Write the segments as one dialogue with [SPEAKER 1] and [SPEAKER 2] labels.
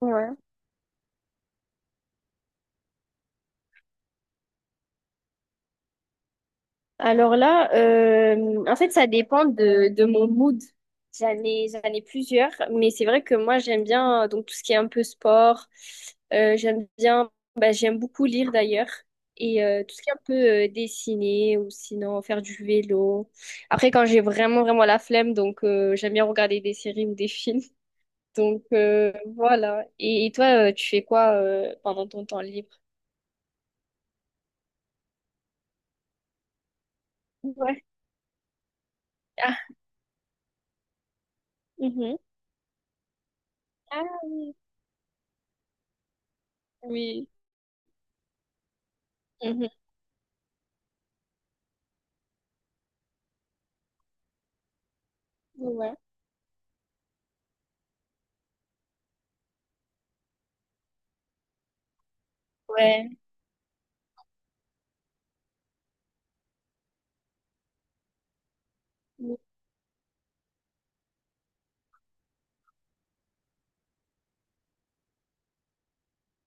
[SPEAKER 1] Ouais. Alors là, en fait, ça dépend de mon mood. J'en ai plusieurs, mais c'est vrai que moi, j'aime bien donc tout ce qui est un peu sport. J'aime beaucoup lire d'ailleurs. Et tout ce qui est un peu dessiner ou sinon faire du vélo. Après, quand j'ai vraiment, vraiment la flemme, donc j'aime bien regarder des séries ou des films. Donc voilà. Et toi, tu fais quoi pendant ton temps libre? Ouais. Ah, mhm. Ah oui. Oui. Ouais. Ouais. Oui,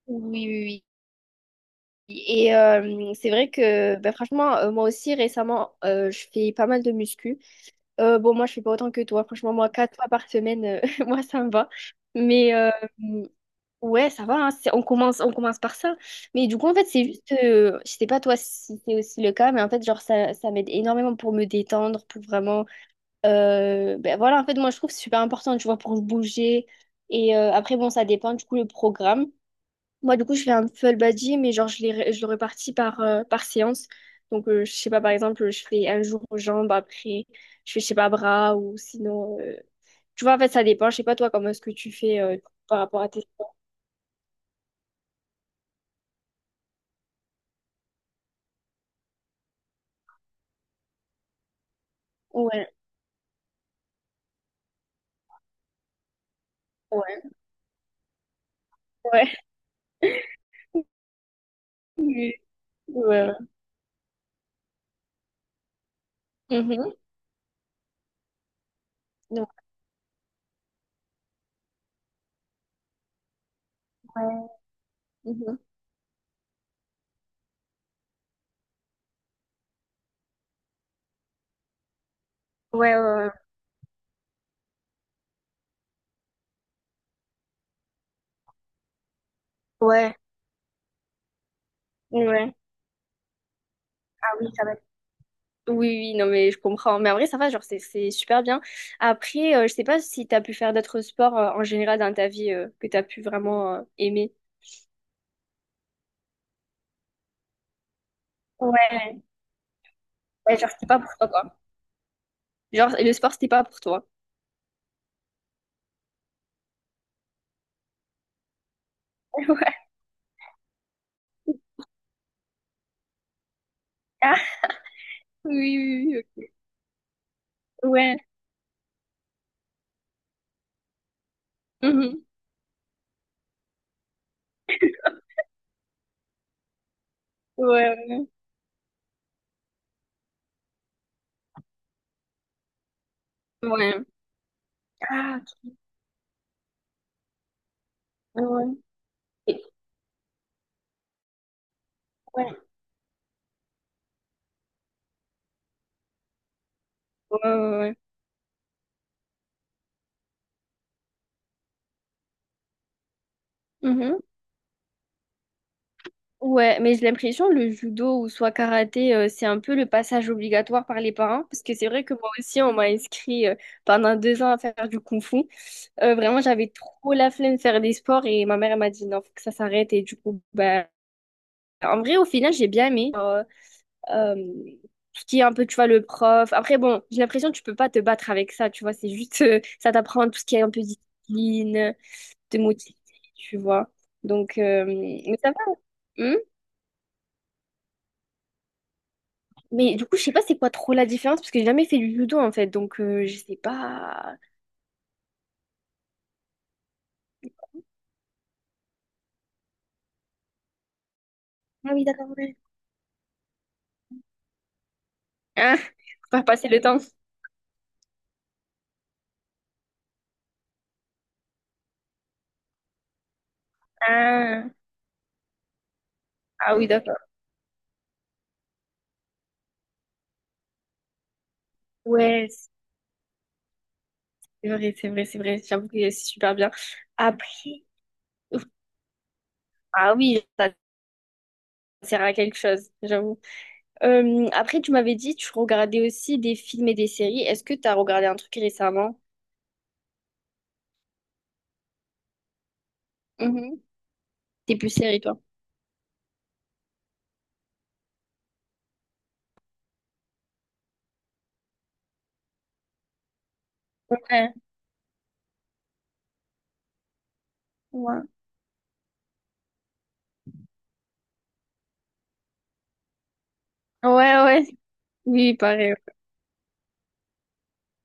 [SPEAKER 1] oui, oui. Oui. Et c'est vrai que ben, franchement, moi aussi récemment, je fais pas mal de muscu. Bon, moi, je fais pas autant que toi. Franchement, moi, 4 fois par semaine, moi, ça me va. Mais ouais, ça va. Hein. On commence par ça. Mais du coup, en fait, c'est juste, je sais pas toi si c'est aussi le cas, mais en fait, genre, ça m'aide énormément pour me détendre, pour vraiment. Ben voilà, en fait, moi, je trouve que c'est super important, tu vois, pour bouger. Et après, bon, ça dépend du coup le programme. Moi, du coup, je fais un full body, mais genre, je le répartis par séance. Donc, je sais pas, par exemple, je fais un jour aux jambes, après, je fais, je sais pas, bras, ou sinon tu vois, en fait, ça dépend. Je sais pas, toi, comment est-ce que tu fais par rapport à tes. Ouais, ouais, ouais. Oui. Ouais. Ouais. Mhm. Donc, ouais. Mhm. Ouais, ouais, ouais. Ouais. Ouais. Ah oui, ça va. Oui, oui, non, mais je comprends. Mais en vrai, ça va, genre, c'est super bien. Après, je sais pas si t'as pu faire d'autres sports en général dans ta vie que t'as pu vraiment aimer. Ouais. Ouais, genre, c'était pas pour toi, quoi. Genre, le sport, c'était pas pour toi. Ouais. Ah, oui, oui, oui. Ok. Ouais. Mhm. Ouais, ouais. Ouais. Ah, ok. Ouais. Et- Ouais, ouais, ouais. Ouais. Mhm. Ouais, mais j'ai l'impression le judo ou soit karaté, c'est un peu le passage obligatoire par les parents. Parce que c'est vrai que moi aussi, on m'a inscrit pendant 2 ans à faire du kung-fu. Vraiment, j'avais trop la flemme de faire des sports et ma mère elle m'a dit non, faut que ça s'arrête. Et du coup, bah, en vrai, au final, j'ai bien aimé. Euh, tout ce qui est un peu, tu vois, le prof. Après, bon, j'ai l'impression que tu peux pas te battre avec ça, tu vois. C'est juste, ça t'apprend tout ce qui est un peu discipline, te motiver, tu vois. Donc, mais ça va. Hein. Mais du coup, je sais pas c'est quoi trop la différence parce que j'ai jamais fait du judo en fait. Donc, je sais pas. Ah oui, d'accord, ouais. Ah, faut pas passer le temps. Ah, ah oui, d'accord. Ouais, c'est vrai, c'est vrai, c'est vrai. J'avoue que c'est super bien. Après, ah oui, ça sert à quelque chose, j'avoue. Après, tu m'avais dit, tu regardais aussi des films et des séries. Est-ce que tu as regardé un truc récemment? Mhm. T'es plus série, toi. Ouais, ouais. Ouais, ouais. Oui, pareil.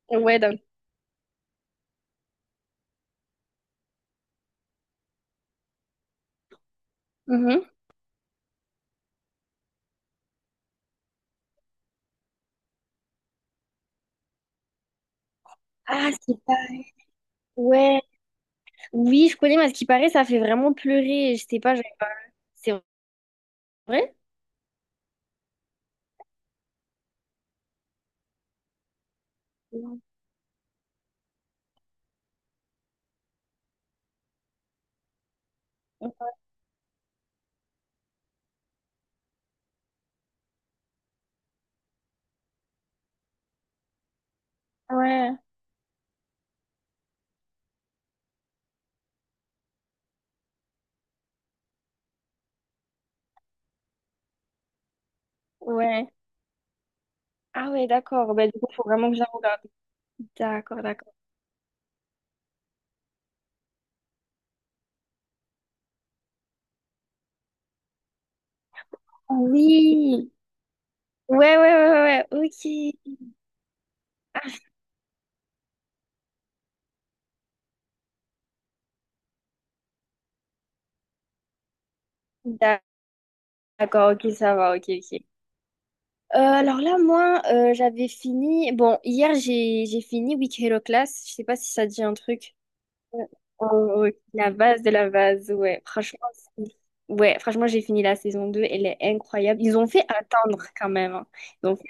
[SPEAKER 1] Ouais, donc. Mhm. Ah, c'est pas. Ouais. Oui, je connais, mais à ce qui paraît, ça fait vraiment pleurer. Je sais pas, c'est vrai? Non. Ouais, ouais. Ah ouais, d'accord. Ben, du coup, faut vraiment que je la regarde. D'accord, d'accord. Oui. Ouais, ouais, ouais, ouais, ouais, ok. Ah, d'accord, ok, ça va, ok, ok. Alors là, moi, j'avais fini. Bon, hier, j'ai fini Week Hero Class. Je sais pas si ça dit un truc. Ouais. Oh, ok. La base de la base, ouais. Franchement, ouais, franchement, j'ai fini la saison deux. Elle est incroyable. Ils ont fait attendre quand même. Hein. Ils ont fait-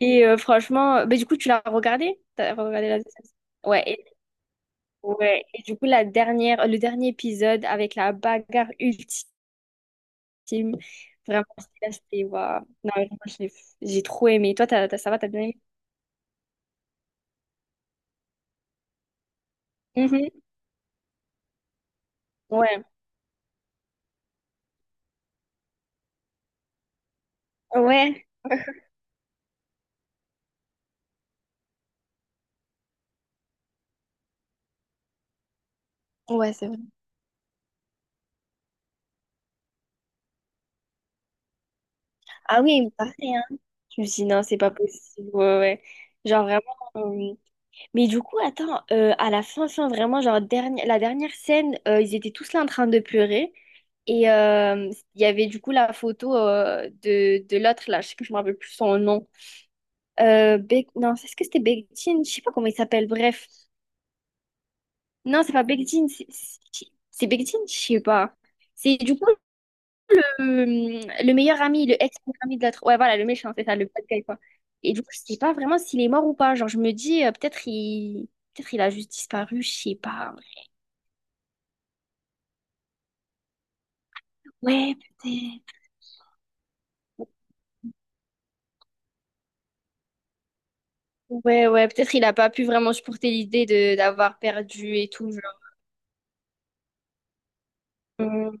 [SPEAKER 1] Et franchement, bah, du coup, tu l'as regardé? T'as regardé la deuxième saison? Ouais, ouais. Et du coup, le dernier épisode avec la bagarre ultime. Film. Vraiment, là, c'était waouh. Non, vraiment, j'ai trop aimé. Toi, ça va, t'as bien aimé? Mhm. Ouais, ouais, ouais, c'est vrai. Ah oui, mais pareil, hein. Je me suis dit, non, c'est pas possible. Ouais, ouais. Genre vraiment. euh, Mais du coup, attends, à la fin, fin, vraiment, genre, la dernière scène, ils étaient tous là en train de pleurer. Et il y avait du coup la photo de l'autre, là, je sais que je me rappelle plus son nom. Non, est-ce que c'était Bektine? Je sais pas comment il s'appelle, bref. Non, c'est pas Bekdin, c'est Bekdin, je sais pas. C'est du coup le ex-meilleur ami de l'autre. Ouais, voilà, le méchant, c'est ça, le bad guy, quoi. Et du coup, je sais pas vraiment s'il est mort ou pas. Genre, je me dis, peut-être il a juste disparu, je sais pas. Ouais, peut-être. Ouais, ouais, peut-être il a pas pu vraiment supporter l'idée de d'avoir perdu et tout, genre.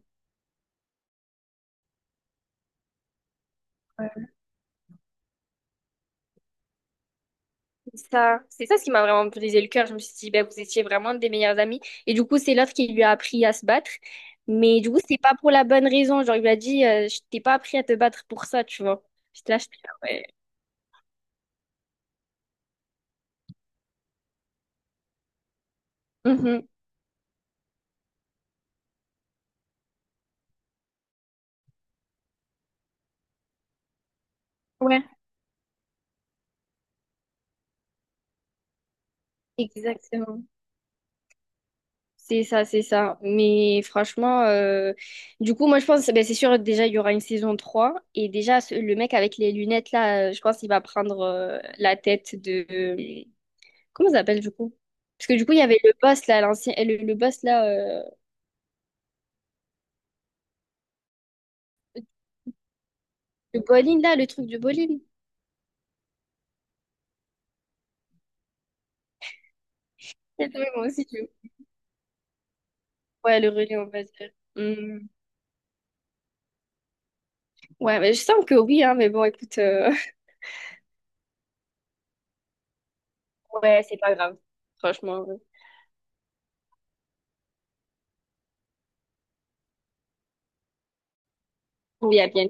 [SPEAKER 1] C'est ça ce qui m'a vraiment brisé le cœur. Je me suis dit, ben, vous étiez vraiment des meilleurs amis. Et du coup, c'est l'autre qui lui a appris à se battre. Mais du coup, c'est pas pour la bonne raison. Genre, il lui a dit, je t'ai pas appris à te battre pour ça, tu vois. J'étais là, ouais. Mhm. Ouais, exactement. C'est ça, c'est ça. Mais franchement, du coup, moi, je pense, ben, c'est sûr, déjà, il y aura une saison trois. Et déjà, le mec avec les lunettes, là, je pense qu'il va prendre la tête de. Comment ça s'appelle du coup? Parce que du coup, il y avait le boss là, l'ancien, le boss là, le bowling là, le truc du bowling. Oui, moi aussi, tu Ouais, le relais, on va dire. Hmm. Ouais, mais je sens que oui, hein, mais bon, écoute, ouais, c'est pas grave. Franchement, ouais. Il y a bien